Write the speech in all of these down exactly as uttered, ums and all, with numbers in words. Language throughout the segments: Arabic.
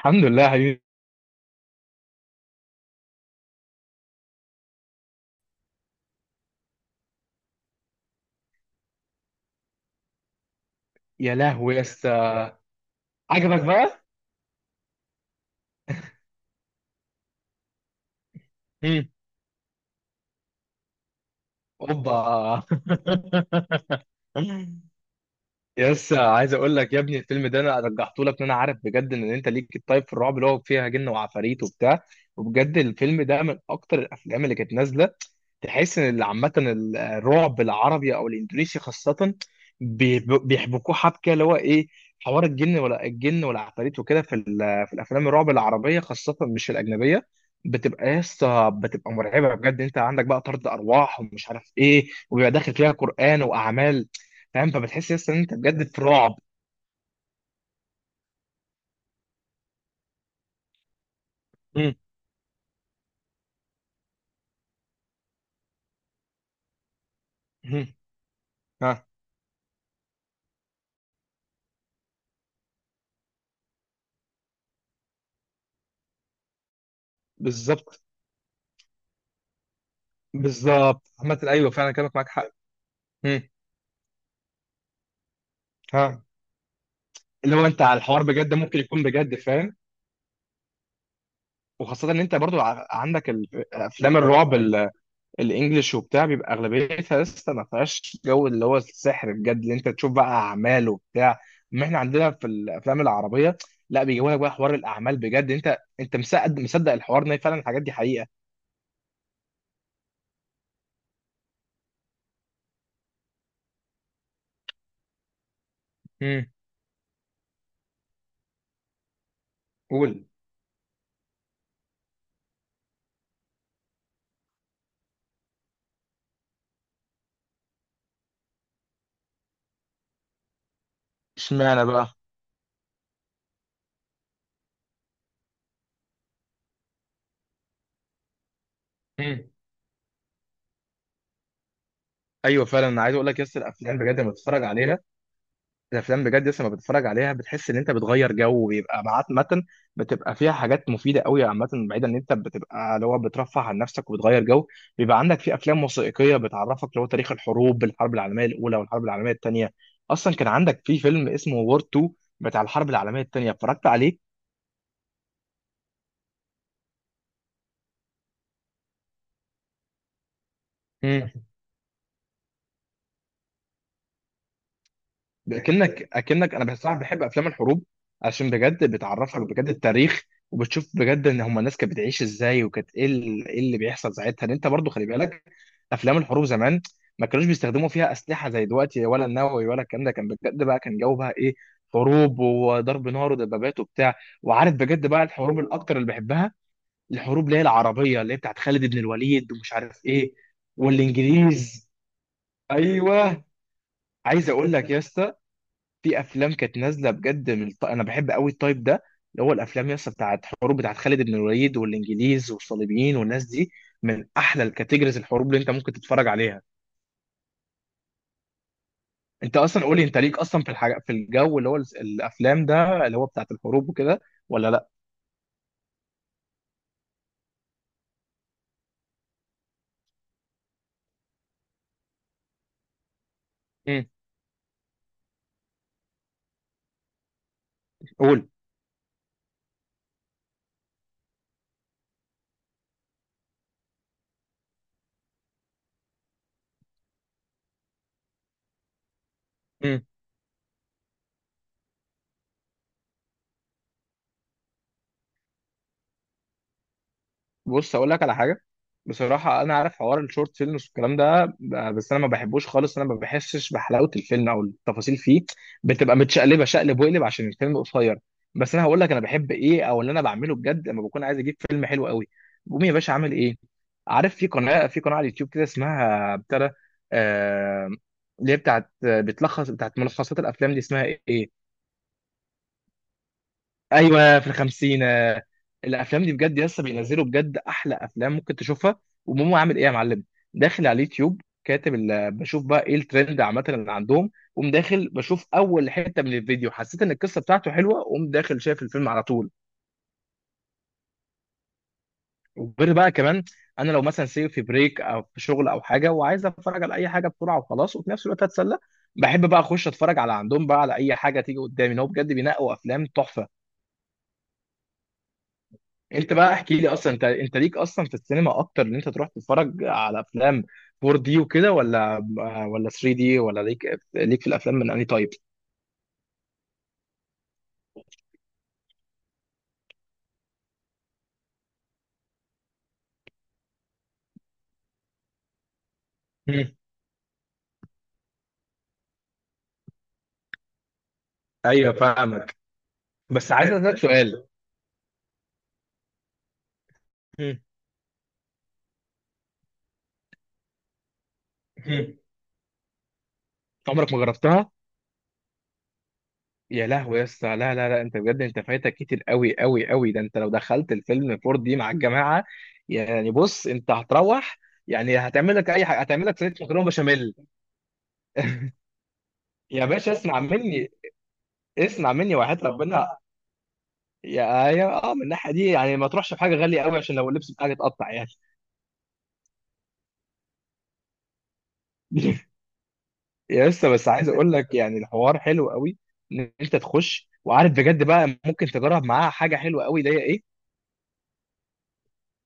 الحمد لله يا حبيبي. يا لهوي يا اسطى. عجبك بقى. مم. اوبا. يس، عايز اقول لك يا ابني الفيلم ده انا رجحته لك ان انا عارف بجد ان انت ليك الطيب في الرعب اللي هو فيها جن وعفاريت وبتاع. وبجد الفيلم ده من اكتر الافلام اللي كانت نازله. تحس ان عامه الرعب العربي او الاندونيسي خاصه، بيحب- بيحبكوه حبكه اللي هو ايه، حوار الجن ولا الجن والعفاريت وكده في ال- في الافلام الرعب العربيه خاصه، مش الاجنبيه. بتبقى يسطا، بتبقى مرعبه بجد. انت عندك بقى طرد ارواح ومش عارف ايه وبيبقى داخل فيها قران واعمال. فاهم؟ فبتحس يس ان انت بجد في رعب. مم. مم. ها. بالظبط بالظبط. عامة ايوه فعلا كلامك معاك حق. مم. ها. اللي هو انت على الحوار بجد ممكن يكون بجد فاهم. وخاصة ان انت برضو ع- عندك ال- افلام الرعب ال- الانجليش وبتاع بيبقى اغلبيتها لسه ما فيهاش جو اللي هو السحر بجد اللي انت تشوف بقى اعمال وبتاع. ما احنا عندنا في الافلام العربية لا، بيجيبوا لك بقى حوار الاعمال بجد. انت انت مصدق مصدق الحوار ان فعلا الحاجات دي حقيقة. مم. قول. اشمعنى بقى؟ ايوه فعلا انا عايز اقول لك يس، الافلام بجد لما بتتفرج عليها، الافلام بجد يس لما بتتفرج عليها بتحس ان انت بتغير جو ويبقى معاك متن. بتبقى فيها حاجات مفيده قوي عامه، بعيدا ان انت بتبقى اللي هو بترفه عن نفسك وبتغير جو. بيبقى عندك في افلام وثائقيه بتعرفك اللي هو تاريخ الحروب، الحرب العالميه الاولى والحرب العالميه الثانيه. اصلا كان عندك في فيلم اسمه وور تو بتاع الحرب العالميه الثانيه اتفرجت عليه. اكنك اكنك انا بصراحه بحب افلام الحروب عشان بجد بتعرفك بجد التاريخ، وبتشوف بجد ان هم الناس كانت بتعيش ازاي وكانت ايه ال- إيه اللي بيحصل ساعتها. ان انت برضو خلي بالك، افلام الحروب زمان ما كانوش بيستخدموا فيها اسلحه زي دلوقتي، ولا النووي ولا الكلام ده. كان بجد بقى كان جو بقى ايه، حروب وضرب نار ودبابات وبتاع. وعارف بجد بقى الحروب الاكتر اللي بحبها، الحروب اللي هي العربيه، اللي هي بتاعت خالد بن الوليد ومش عارف ايه، والانجليز. ايوه، عايز اقول لك يا اسطى، في افلام كانت نازله بجد من الط... انا بحب قوي التايب ده، اللي هو الافلام يس بتاعت حروب، بتاعت خالد بن الوليد والانجليز والصليبيين والناس دي. من احلى الكاتيجوريز الحروب اللي انت ممكن تتفرج عليها. انت اصلا قولي، انت ليك اصلا في الحاجه، في الجو اللي هو الس- الافلام ده اللي هو بتاعت الحروب وكده ولا لا؟ امم قول. امم بص اقول لك على حاجه، بصراحه انا عارف حوار الشورت فيلمز والكلام ده، ب- بس انا ما بحبوش خالص. انا ما بحسش بحلاوه الفيلم او التفاصيل فيه، بتبقى متشقلبه شقلب وقلب عشان الفيلم قصير. بس انا هقول لك انا بحب ايه، او اللي انا بعمله بجد لما بكون عايز اجيب فيلم حلو قوي، بقوم يا باشا عامل ايه؟ عارف في قناه في قناه على اليوتيوب كده اسمها بتاع ده، آه، اللي هي بتاعت بتلخص بتاعت ملخصات الافلام دي، اسمها ايه، ايوه، في الخمسين، آه، الافلام دي بجد لسه بينزلوا بجد احلى افلام ممكن تشوفها. وماما عامل ايه يا معلم، داخل على اليوتيوب كاتب ال- بشوف بقى ايه الترند عامه اللي عندهم، قوم داخل بشوف اول حته من الفيديو، حسيت ان القصه بتاعته حلوه، قوم داخل شايف الفيلم على طول. وغير بقى كمان، انا لو مثلا سيب في بريك او في شغل او حاجه وعايز اتفرج على اي حاجه بسرعه وخلاص وفي نفس الوقت اتسلى، بحب بقى اخش اتفرج على عندهم بقى على اي حاجه تيجي قدامي، ان هو بجد بينقوا افلام تحفه. انت بقى احكي لي، اصلا انت انت ليك اصلا في السينما اكتر، ان انت تروح تتفرج على افلام فور دي وكده ولا ولا ثري دي، ولا ليك، ليك في الافلام من انهي تايب؟ مم. ايوه فاهمك. بس عايز اسالك سؤال. مم. مم. عمرك ما جربتها؟ يا لهوي يا اسطى، لا لا لا، انت بجد انت فايتك كتير قوي قوي قوي. ده انت لو دخلت الفيلم فور دي مع الجماعه، يعني بص انت هتروح، يعني هتعمل لك اي حاجه، هتعمل لك صينيه مكرونه بشاميل. يا باشا اسمع مني، اسمع مني وحياة ربنا، يا يا اه من الناحيه دي يعني ما تروحش بحاجه غاليه قوي عشان لو اللبس بتاعك اتقطع يعني. يا لسه، بس عايز اقول لك يعني، الحوار حلو قوي، ان انت تخش وعارف بجد بقى ممكن تجرب معاها حاجه حلوه قوي اللي هي ايه،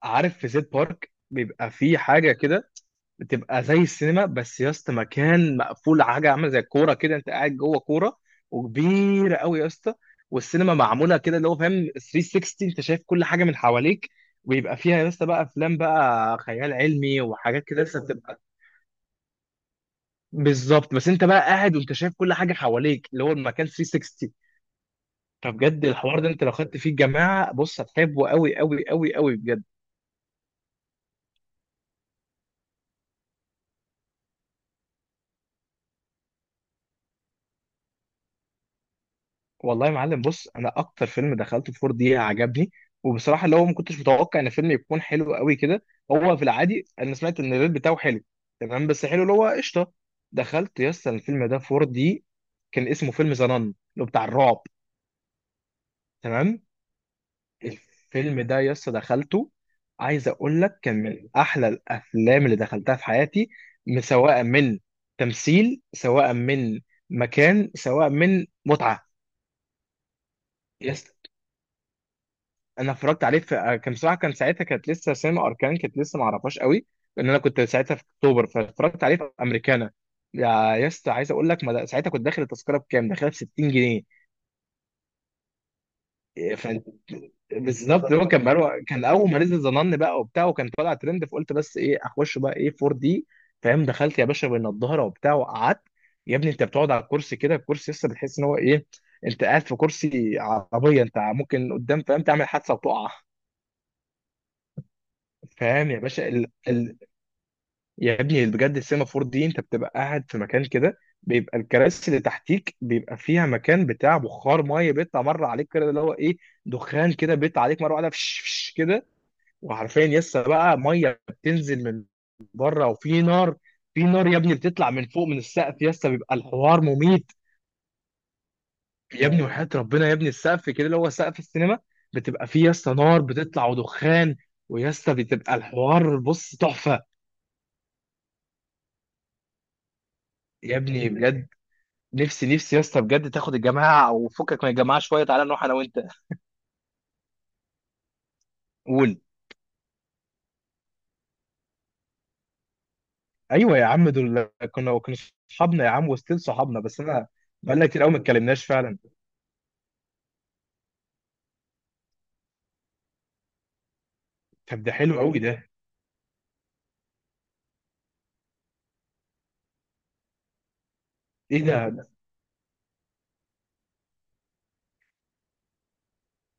عارف في زيت بارك بيبقى في حاجه كده، بتبقى زي السينما بس يا اسطى مكان مقفول، حاجه عامله زي الكوره كده، انت قاعد جوه كوره، وكبيره قوي يا اسطى. والسينما معموله كده اللي هو فاهم ثري سيكستي، انت شايف كل حاجه من حواليك، ويبقى فيها يا اسطى بقى افلام بقى خيال علمي وحاجات كده لسه بتبقى. بالظبط، بس انت بقى قاعد وانت شايف كل حاجه حواليك، اللي هو المكان ثري سيكستي. فبجد الحوار ده انت لو خدت فيه الجماعه، بص هتحبه قوي قوي قوي قوي بجد. والله يا معلم بص، انا اكتر فيلم دخلته في فور دي عجبني، وبصراحه اللي هو ما كنتش متوقع ان الفيلم يكون حلو قوي كده. هو في العادي انا سمعت ان الريت بتاعه حلو، تمام، بس حلو اللي هو قشطه. دخلت يس الفيلم ده في فور دي، كان اسمه فيلم زنان، اللي هو بتاع الرعب. تمام. الفيلم ده يس دخلته، عايز اقول لك كان من احلى الافلام اللي دخلتها في حياتي، م- سواء من تمثيل، سواء من مكان، سواء من متعه. يس، انا اتفرجت عليه في كان بصراحه، كان ساعتها كانت لسه سينما اركان كانت لسه ما اعرفهاش قوي، لان انا كنت ساعتها في اكتوبر، فاتفرجت عليه في امريكانا. يا، يا اسطى عايز اقول لك ما ده- ساعتها كنت داخل التذكره بكام، داخلها ب ستين جنيه. إيه، ف بالظبط. هو كان بقى كان اول ما نزل ظنن بقى وبتاع وكان طالع ترند، فقلت بس ايه اخش بقى ايه فور دي. فاهم، دخلت يا باشا بين الظهر وبتاع وقعدت. يا ابني انت بتقعد على الكرسي كده، الكرسي لسه بتحس ان هو ايه، انت قاعد في كرسي عربيه، انت ممكن قدام فاهم تعمل حادثه وتقع. فاهم يا باشا ال ال، يا ابني بجد السيمافور دي انت بتبقى قاعد في مكان كده، بيبقى الكراسي اللي تحتيك بيبقى فيها مكان بتاع بخار ميه بيطلع مره عليك كده اللي هو ايه، دخان كده بيطلع عليك مره واحده، فش فش كده. وعارفين يسا بقى ميه بتنزل من بره، وفي نار، في نار يا ابني بتطلع من فوق من السقف يسا، بيبقى الحوار مميت. يا ابني، يا وحياة ربنا يا ابني، السقف كده اللي هو سقف السينما بتبقى فيه يسا نار بتطلع ودخان، ويسا بتبقى الحوار بص تحفه. يا ابني بجد، نفسي نفسي يا اسطى بجد تاخد الجماعه او فكك من الجماعه شويه، تعالى نروح انا وانت. قول. ايوه يا عم، دول كنا كنا صحابنا يا عم وستيل صحابنا، بس انا بقالنا كتير قوي ما اتكلمناش فعلا. طب ده حلو قوي ده. ايه ده.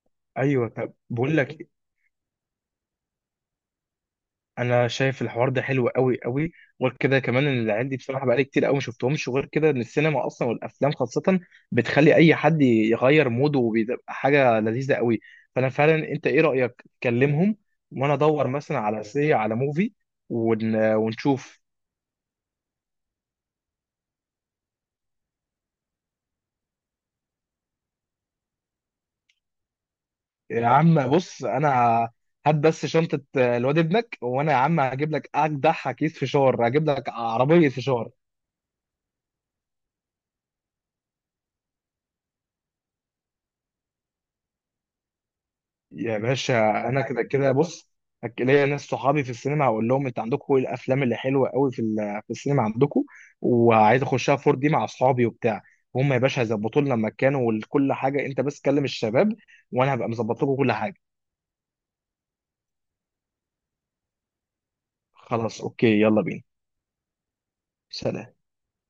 ايوه، طب بقول لك، انا شايف الحوار ده حلو قوي قوي، وغير كده كمان ان العيال دي بصراحه بقالي كتير قوي ما شفتهمش، وغير كده ان السينما اصلا والافلام خاصه بتخلي اي حد يغير موده وبيبقى حاجه لذيذه قوي. فانا فعلا، انت ايه رايك تكلمهم، وانا ادور مثلا على سي، على موفي ون... ونشوف. يا عم بص، انا هات بس شنطه الواد ابنك، وانا يا عم هجيب لك اجدع كيس فشار، هجيب لك عربيه فشار. يا باشا انا كده كده بص، هك- ليا ناس صحابي في السينما، هقول لهم انت عندكم ايه الافلام اللي حلوه قوي في ال- في السينما عندكم، وعايز اخشها فور دي مع اصحابي وبتاع. هم يا باشا هيظبطوا لنا المكان وكل حاجه، انت بس كلم الشباب، وانا هبقى مظبط لكم كل حاجه. خلاص اوكي، يلا بينا. سلام.